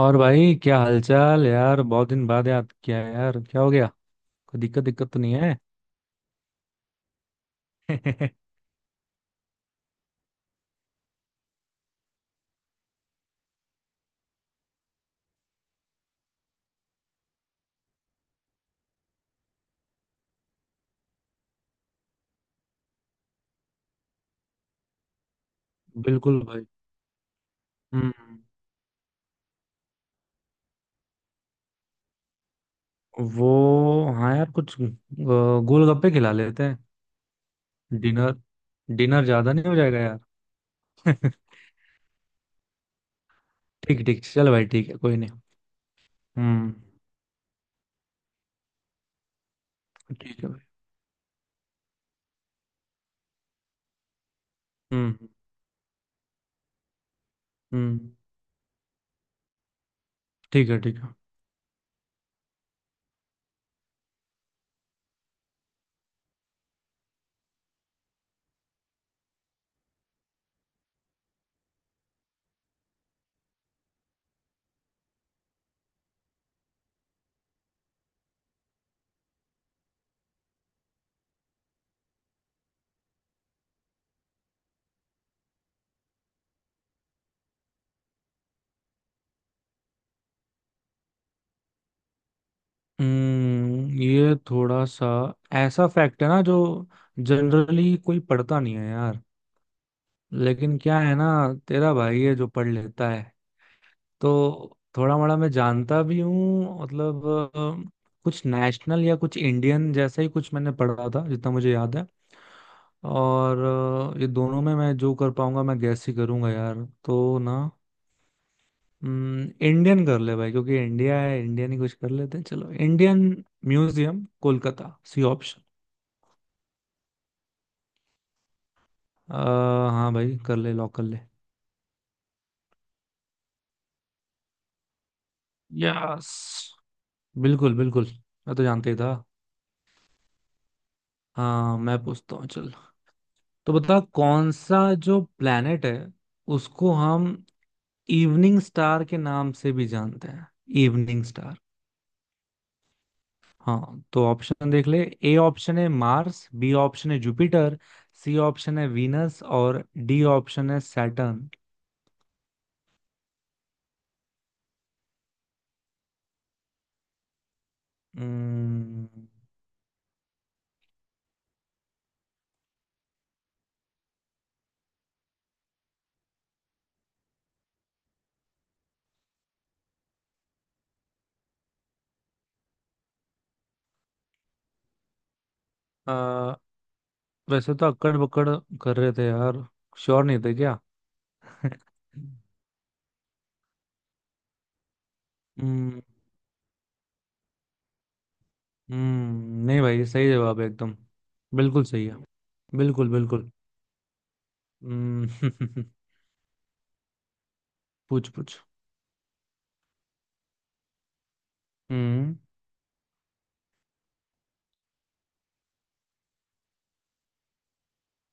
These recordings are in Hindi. और भाई क्या हालचाल यार? बहुत दिन बाद याद किया यार, क्या हो गया? कोई दिक्कत दिक्कत तो नहीं है? बिल्कुल भाई। हम्म। वो हाँ यार, कुछ गोलगप्पे खिला लेते हैं। डिनर। डिनर ज्यादा नहीं हो जाएगा यार? ठीक ठीक, चल भाई, ठीक है, कोई नहीं। हम्म। ठीक है भाई। हम्म। हम्म। ठीक है। ठीक है। ये थोड़ा सा ऐसा फैक्ट है ना जो जनरली कोई पढ़ता नहीं है। लेकिन क्या है ना, तेरा भाई है जो पढ़ लेता है, तो थोड़ा मोड़ा मैं जानता भी हूँ, मतलब कुछ नेशनल या कुछ इंडियन जैसा ही कुछ मैंने पढ़ा था जितना मुझे याद है। और ये दोनों में मैं जो कर पाऊंगा, मैं गैस ही करूंगा यार तो ना। इंडियन कर ले भाई, क्योंकि इंडिया है, इंडियन ही कुछ कर लेते हैं, चलो Indian Museum Kolkata, C option. हाँ भाई कर ले, लॉक कर ले। यस। बिल्कुल बिल्कुल। मैं तो जानते ही था। हाँ, मैं पूछता हूँ, चल। तो बता, कौन सा जो प्लेनेट है उसको हम इवनिंग स्टार के नाम से भी जानते हैं, इवनिंग स्टार। हाँ, तो ऑप्शन देख ले। ए ऑप्शन है मार्स, बी ऑप्शन है जुपिटर, सी ऑप्शन है वीनस और डी ऑप्शन है सैटर्न। हम्म, आ, वैसे तो अक्कड़ बक्कड़ कर रहे थे यार, श्योर नहीं थे क्या? हम्म। हम्म। नहीं भाई, सही जवाब है एकदम, बिल्कुल सही है। बिल्कुल बिल्कुल। हम्म। पूछ पूछ। हम्म।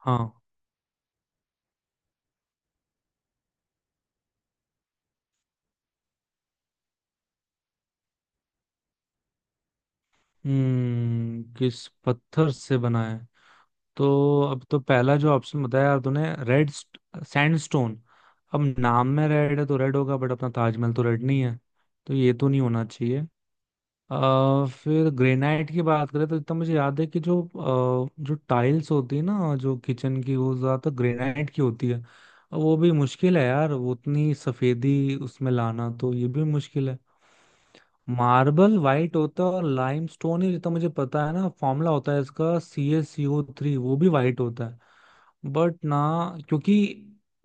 हाँ। हम्म। किस पत्थर से बना है? तो अब तो पहला जो ऑप्शन बताया यार तूने, रेड सैंडस्टोन, अब नाम में रेड है तो रेड होगा, बट अपना ताजमहल तो रेड नहीं है, तो ये तो नहीं होना चाहिए। फिर ग्रेनाइट की बात करें तो इतना मुझे याद है कि जो टाइल्स होती है ना, जो किचन की, वो ज्यादातर ग्रेनाइट की होती है। अब वो भी मुश्किल है यार, वो उतनी सफेदी उसमें लाना, तो ये भी मुश्किल है। मार्बल वाइट होता है और लाइमस्टोन ही, जितना मुझे पता है ना, फॉर्मूला होता है इसका C S C O three, वो भी वाइट होता है। बट ना, क्योंकि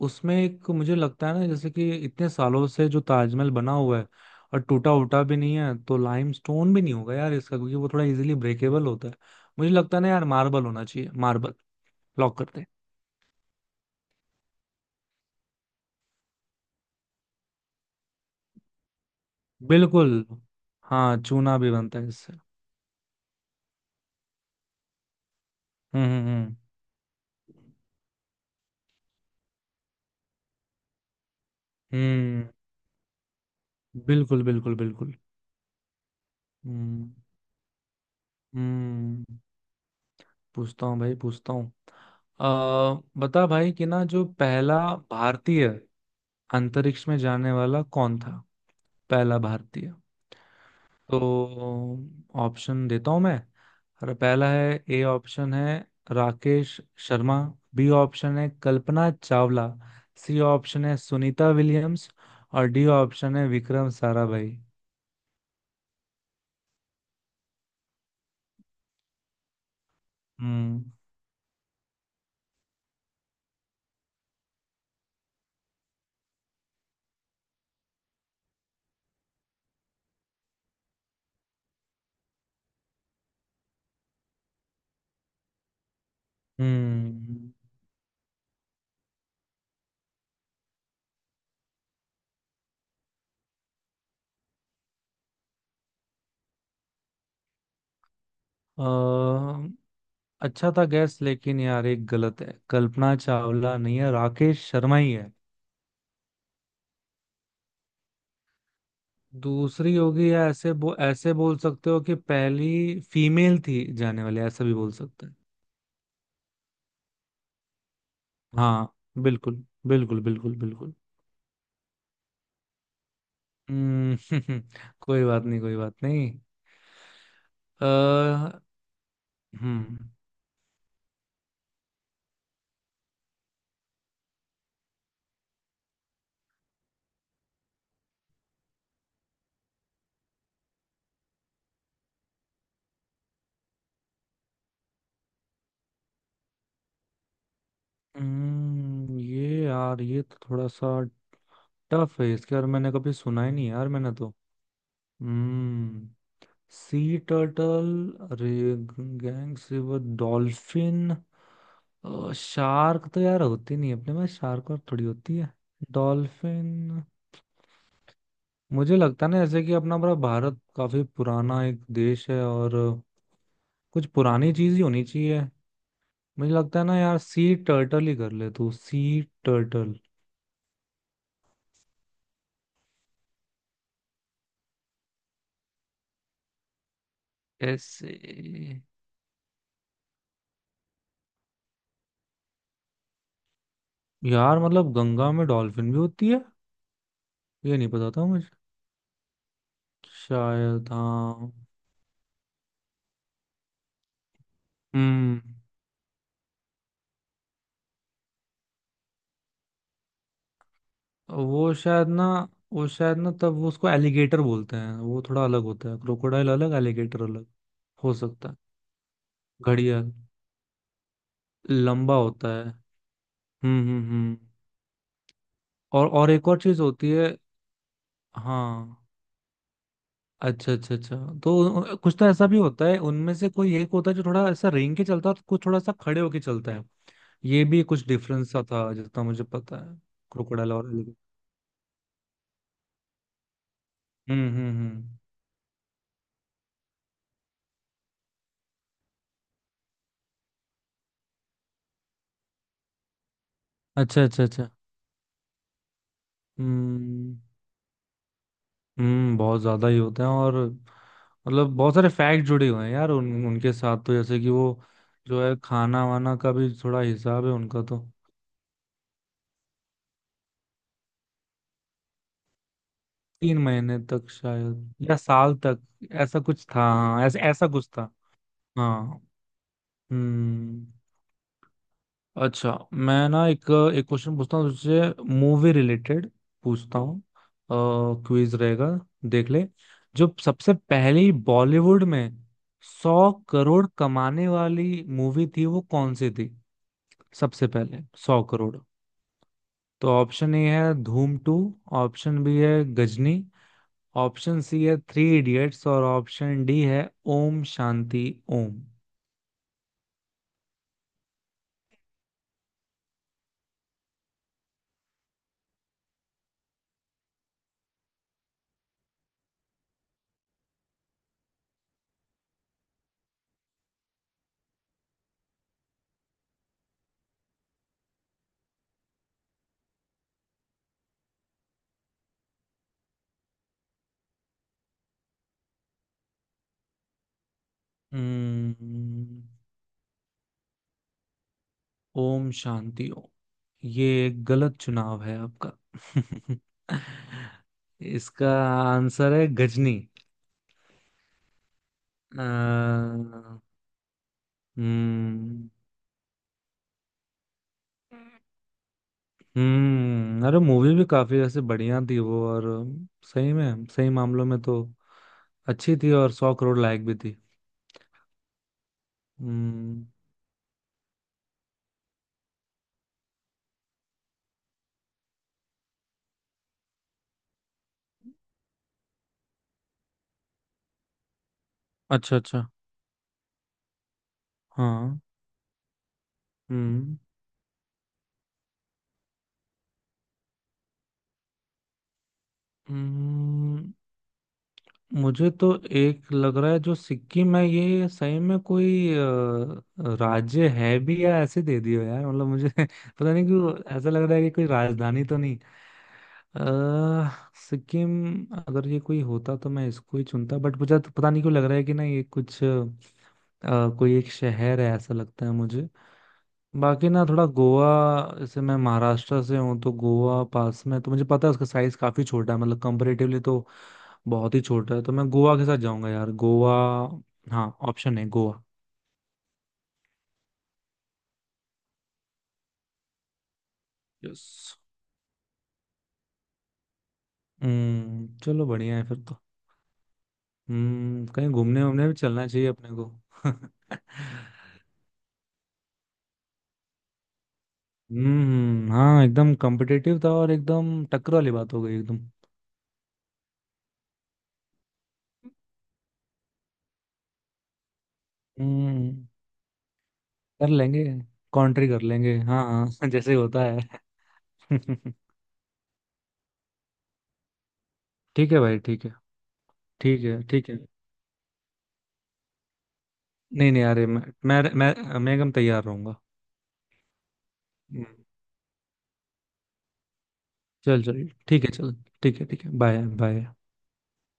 उसमें एक मुझे लगता है ना, जैसे कि इतने सालों से जो ताजमहल बना हुआ है और टूटा उटा भी नहीं है, तो लाइमस्टोन भी नहीं होगा यार इसका, क्योंकि वो थोड़ा इजीली ब्रेकेबल होता है। मुझे लगता है ना यार, मार्बल होना चाहिए, मार्बल। लॉक करते हैं। बिल्कुल। हाँ, चूना भी बनता है इससे। हम्म। हम्म। हम्म। हम्म। बिल्कुल बिल्कुल बिल्कुल। हम्म। हम्म। पूछता हूँ भाई, पूछता हूँ। बता भाई कि ना, जो पहला भारतीय अंतरिक्ष में जाने वाला कौन था? पहला भारतीय? तो ऑप्शन देता हूँ मैं। अरे पहला है, ए ऑप्शन है राकेश शर्मा, बी ऑप्शन है कल्पना चावला, सी ऑप्शन है सुनीता विलियम्स और डी ऑप्शन है विक्रम साराभाई। हम्म। हम्म। अच्छा था गैस, लेकिन यार एक गलत है, कल्पना चावला नहीं है, राकेश शर्मा ही है। दूसरी होगी, या ऐसे बोल सकते हो कि पहली फीमेल थी जाने वाली, ऐसा भी बोल सकते हैं। हाँ बिल्कुल बिल्कुल बिल्कुल बिल्कुल। हम्म। कोई बात नहीं, कोई बात नहीं। अ, हम्म। हम्म। ये यार ये तो थोड़ा सा टफ है इसके, और मैंने कभी सुना ही नहीं यार, मैंने तो हम्म sea turtle, gang silver dolphin, shark तो यार होती नहीं है अपने में, शार्क और थोड़ी होती है, डॉल्फिन। मुझे लगता है ना, जैसे कि अपना बड़ा भारत काफी पुराना एक देश है और कुछ पुरानी चीज ही होनी चाहिए। मुझे लगता है ना यार, सी टर्टल ही कर ले, तू सी टर्टल। ऐसे? यार मतलब गंगा में डॉल्फिन भी होती है? ये नहीं पता था मुझे। शायद हाँ। हम्म। वो शायद ना वो शायद ना तब वो उसको एलिगेटर बोलते हैं, वो थोड़ा अलग होता है, क्रोकोडाइल अलग, एलिगेटर अलग। हो सकता है, घड़ियाल लंबा होता है। हम्म। हम्म। हम्म। और एक और चीज होती है। हाँ अच्छा अच्छा अच्छा, तो कुछ तो ऐसा भी होता है, उनमें से कोई एक होता है जो थोड़ा ऐसा रेंग के चलता है और कुछ थोड़ा सा खड़े होके चलता है। ये भी कुछ डिफरेंस सा था जितना मुझे पता है। क्रोकोडाइल और एलिगेटर। हम्म। हम्म। हम्म। अच्छा अच्छा अच्छा। हम्म। हम्म। बहुत ज्यादा ही होते हैं, और मतलब बहुत सारे फैक्ट जुड़े हुए हैं यार उनके साथ, तो जैसे कि वो जो है खाना वाना का भी थोड़ा हिसाब है उनका, तो 3 महीने तक शायद या साल तक, ऐसा कुछ था, हाँ, ऐसा ऐसा कुछ था। हाँ। हम्म। अच्छा मैं ना एक एक क्वेश्चन पूछता हूँ तुझसे, मूवी रिलेटेड पूछता हूँ, क्विज रहेगा, देख ले। जो सबसे पहली बॉलीवुड में 100 करोड़ कमाने वाली मूवी थी वो कौन सी थी? सबसे पहले 100 करोड़। तो ऑप्शन ए है धूम टू, ऑप्शन बी है गजनी, ऑप्शन सी है थ्री इडियट्स और ऑप्शन डी है ओम शांति ओम। हम्म। ओम शांति ओम, ये एक गलत चुनाव है आपका। इसका आंसर है गजनी। अ, हम्म। हम्म। अरे मूवी भी काफी ऐसे बढ़िया थी वो, और सही में सही मामलों में तो अच्छी थी, और 100 करोड़ लायक भी थी। हम्म। अच्छा अच्छा। हाँ। हम्म। हम्म। मुझे तो एक लग रहा है, जो सिक्किम है, ये सही में कोई राज्य है भी या ऐसे दे दियो यार, मतलब मुझे पता नहीं क्यों ऐसा लग रहा है कि कोई राजधानी तो नहीं। सिक्किम, अगर ये कोई होता तो मैं इसको ही चुनता, बट मुझे तो पता नहीं क्यों लग रहा है कि ना, ये कुछ कोई एक शहर है ऐसा लगता है मुझे। बाकी ना थोड़ा गोवा, जैसे मैं महाराष्ट्र से हूँ तो गोवा पास में, तो मुझे पता है उसका साइज काफी छोटा है, मतलब कंपेरेटिवली तो बहुत ही छोटा है, तो मैं गोवा के साथ जाऊंगा यार, गोवा। हाँ, ऑप्शन है गोवा। यस। हम्म, चलो बढ़िया है फिर तो। हम्म, कहीं घूमने वूमने भी चलना चाहिए अपने को। हम्म। हाँ एकदम कॉम्पिटिटिव था, और एकदम टक्कर वाली बात हो गई एकदम। हम्म, कर लेंगे, कॉन्ट्री कर लेंगे, हाँ हाँ। जैसे ही होता है। ठीक है भाई, ठीक है। ठीक है। ठीक है। नहीं नहीं, अरे मैं एकदम तैयार रहूंगा। हम्म। चल चल ठीक है, चल, ठीक है। ठीक है। Bye bye.